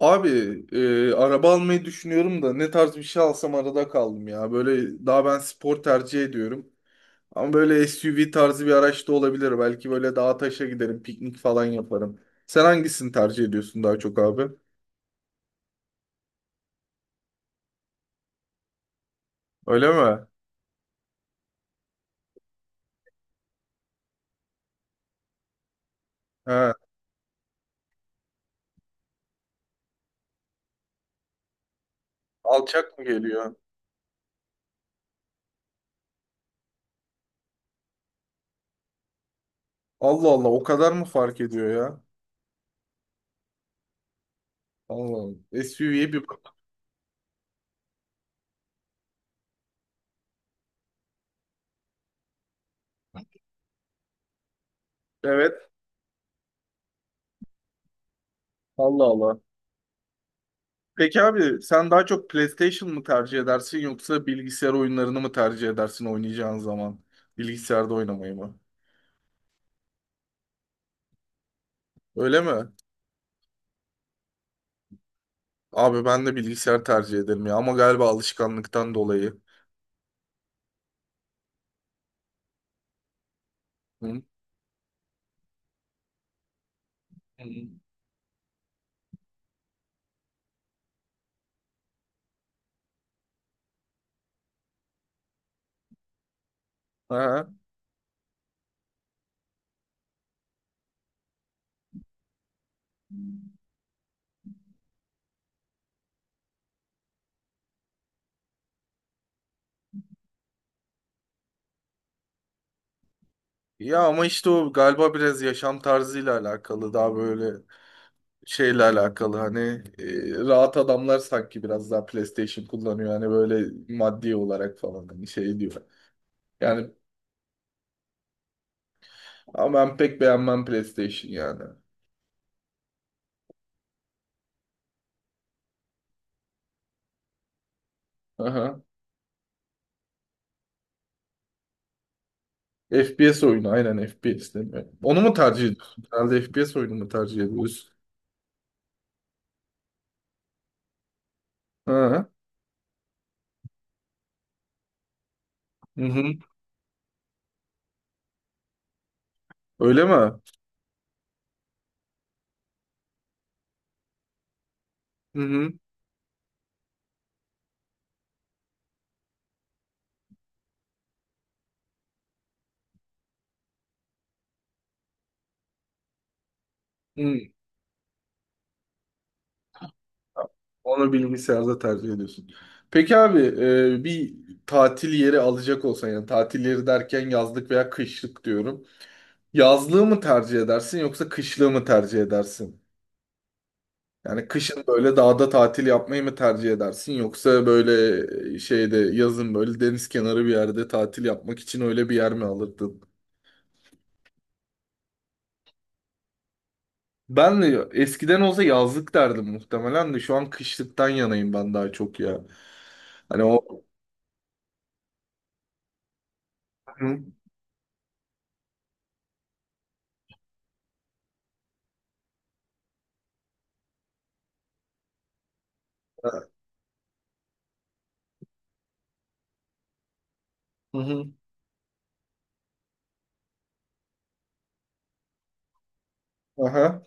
Abi, araba almayı düşünüyorum da ne tarz bir şey alsam arada kaldım ya. Böyle daha ben spor tercih ediyorum. Ama böyle SUV tarzı bir araç da olabilir. Belki böyle dağa taşa giderim, piknik falan yaparım. Sen hangisini tercih ediyorsun daha çok abi? Öyle mi? He, alçak mı geliyor? Allah Allah, o kadar mı fark ediyor ya? Allah Allah. SUV'ye bir bak. Evet. Allah Allah. Peki abi, sen daha çok PlayStation mı tercih edersin yoksa bilgisayar oyunlarını mı tercih edersin oynayacağın zaman? Bilgisayarda oynamayı mı? Öyle mi? Abi, ben de bilgisayar tercih ederim ya ama galiba alışkanlıktan dolayı. Hı? Hı. Ha. Ya ama işte o galiba biraz yaşam tarzıyla alakalı, daha böyle şeyle alakalı, hani rahat adamlar sanki biraz daha PlayStation kullanıyor, hani böyle maddi olarak falan, hani şey diyor. Yani ama ben pek beğenmem PlayStation yani. Aha. FPS oyunu aynen, FPS değil mi? Onu mu tercih ediyorsun? Herhalde FPS oyunu mu tercih ediyorsun? Ha, hı hı. Öyle mi? Hı hı. Hı. Onu bilgisayarda tercih ediyorsun. Peki abi, bir tatil yeri alacak olsan, yani tatil yeri derken yazlık veya kışlık diyorum. Yazlığı mı tercih edersin yoksa kışlığı mı tercih edersin? Yani kışın böyle dağda tatil yapmayı mı tercih edersin, yoksa böyle şeyde yazın böyle deniz kenarı bir yerde tatil yapmak için öyle bir yer mi alırdın? Ben de eskiden olsa yazlık derdim muhtemelen de şu an kışlıktan yanayım ben daha çok ya. Hani o... Hı hı. Hı. Aha.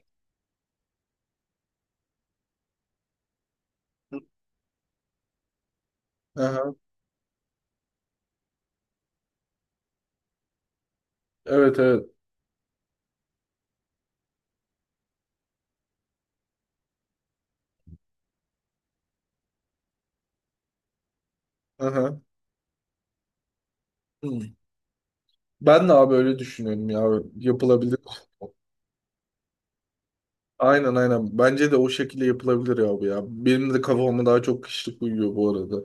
Aha. Evet, evet. Aha. Hı. Ben de abi öyle düşünüyorum ya. Yapılabilir. Aynen, aynen. Bence de o şekilde yapılabilir abi ya. Benim de kafama daha çok kışlık uyuyor bu arada.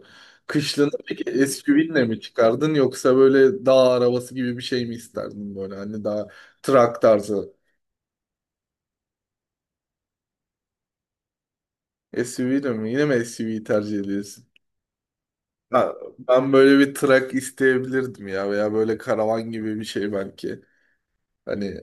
Kışlığını peki SUV'nle mi çıkardın yoksa böyle dağ arabası gibi bir şey mi isterdin böyle, hani daha trak tarzı? SUV de mi? Yine mi SUV'yi tercih ediyorsun? Ha, ben böyle bir trak isteyebilirdim ya veya böyle karavan gibi bir şey belki. Hani.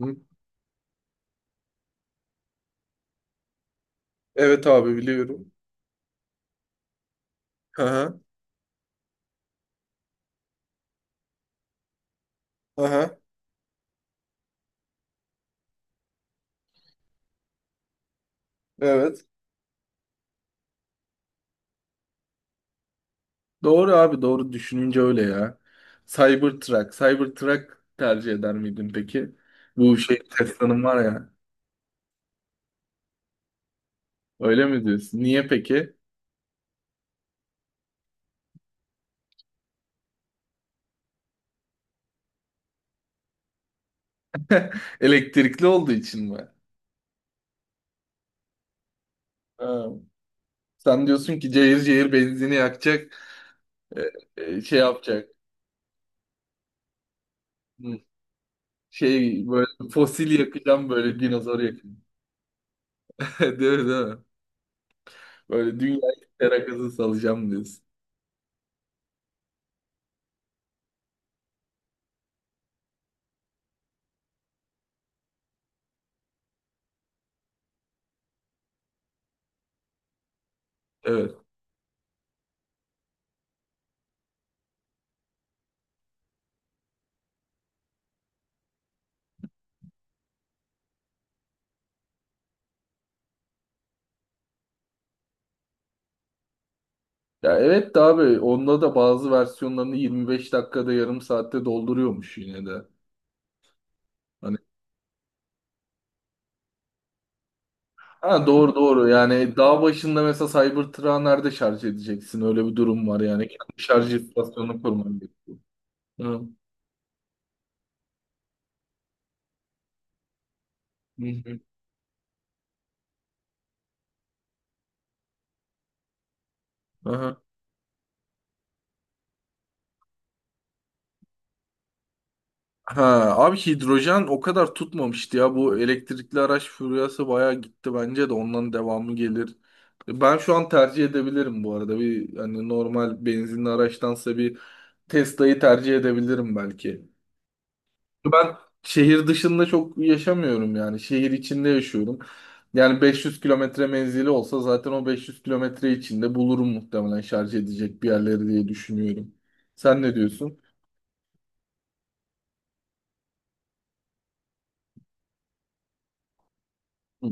Hı? Evet abi, biliyorum. Aha, aha, evet. Doğru abi, doğru düşününce öyle ya. Cybertruck tercih eder miydin peki? Bu şey Tesla'nın var ya. Öyle mi diyorsun? Niye peki? Elektrikli olduğu için mi? Ha. Sen diyorsun ki cayır cayır benzini yakacak, e, şey yapacak. Hı. Şey böyle fosil yakacağım, böyle dinozor yakacağım. Değil mi, değil mi? Böyle dünyayı terakası salacağım diyorsun. Evet. Ya evet de abi, onda da bazı versiyonlarını 25 dakikada, yarım saatte dolduruyormuş yine de. Hani, ha doğru, doğru yani, dağ başında mesela Cybertruck'ı nerede şarj edeceksin? Öyle bir durum var yani. Kendi şarj istasyonunu kurman gerekiyor. Hı. Hı hı. Aha. Ha, abi hidrojen o kadar tutmamıştı ya. Bu elektrikli araç furyası bayağı gitti, bence de ondan devamı gelir. Ben şu an tercih edebilirim bu arada. Bir, hani normal benzinli araçtansa bir Tesla'yı tercih edebilirim belki. Ben şehir dışında çok yaşamıyorum yani. Şehir içinde yaşıyorum. Yani 500 kilometre menzili olsa zaten o 500 kilometre içinde bulurum muhtemelen şarj edecek bir yerleri diye düşünüyorum. Sen ne diyorsun? Hı.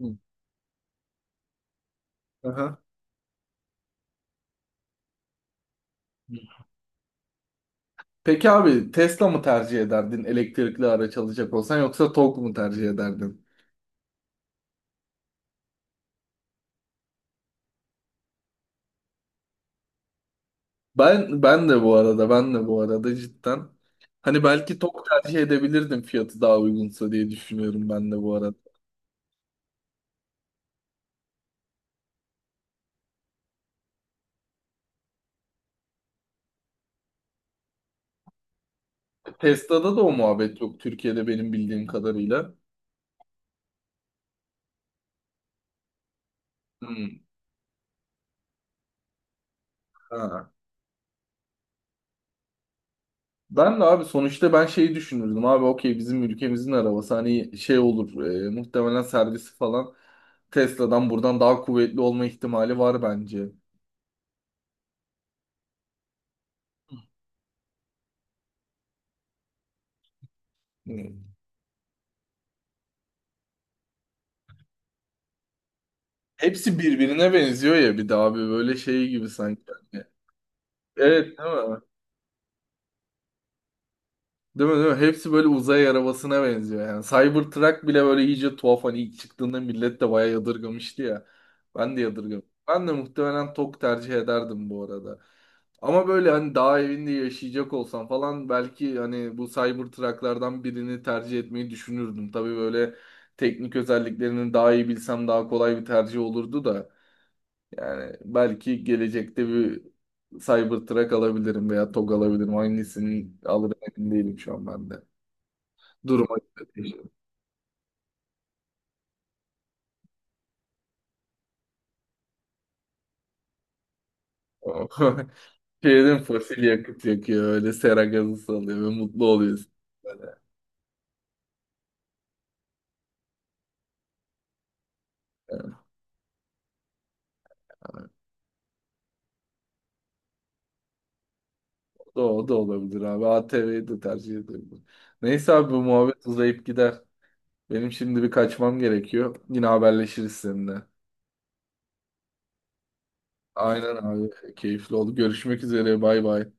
Hı. Aha. Peki abi, Tesla mı tercih ederdin elektrikli araç alacak olsan, yoksa Tok mu tercih ederdin? Ben de bu arada, ben de bu arada cidden. Hani belki Tok tercih edebilirdim fiyatı daha uygunsa diye düşünüyorum ben de bu arada. Tesla'da da o muhabbet yok Türkiye'de benim bildiğim kadarıyla. Hmm, ha. Ben de abi sonuçta ben şeyi düşünürdüm abi, okey bizim ülkemizin arabası, hani şey olur, muhtemelen servisi falan Tesla'dan buradan daha kuvvetli olma ihtimali var bence. Hmm. Hepsi birbirine benziyor ya, bir de abi böyle şey gibi sanki. Yani. Evet, değil mi? Değil mi, değil mi? Hepsi böyle uzay arabasına benziyor yani. Cybertruck bile böyle iyice tuhaf, hani ilk çıktığında millet de bayağı yadırgamıştı ya. Ben de yadırgamıştım. Ben de muhtemelen TOK tercih ederdim bu arada. Ama böyle hani dağ evinde yaşayacak olsam falan belki hani bu Cybertruck'lardan birini tercih etmeyi düşünürdüm. Tabii böyle teknik özelliklerini daha iyi bilsem daha kolay bir tercih olurdu da. Yani belki gelecekte bir Cybertruck alabilirim veya TOG alabilirim. Hangisini alırım emin değilim şu an ben de. Duruma göre değişiyor. Şeyden fosil yakıt yakıyor. Öyle sera gazı salıyor ve mutlu oluyorsun. Böyle. O da olabilir abi. ATV'yi de tercih edebilirim. Neyse abi, bu muhabbet uzayıp gider. Benim şimdi bir kaçmam gerekiyor. Yine haberleşiriz seninle. Aynen abi. Keyifli oldu. Görüşmek üzere. Bay bay.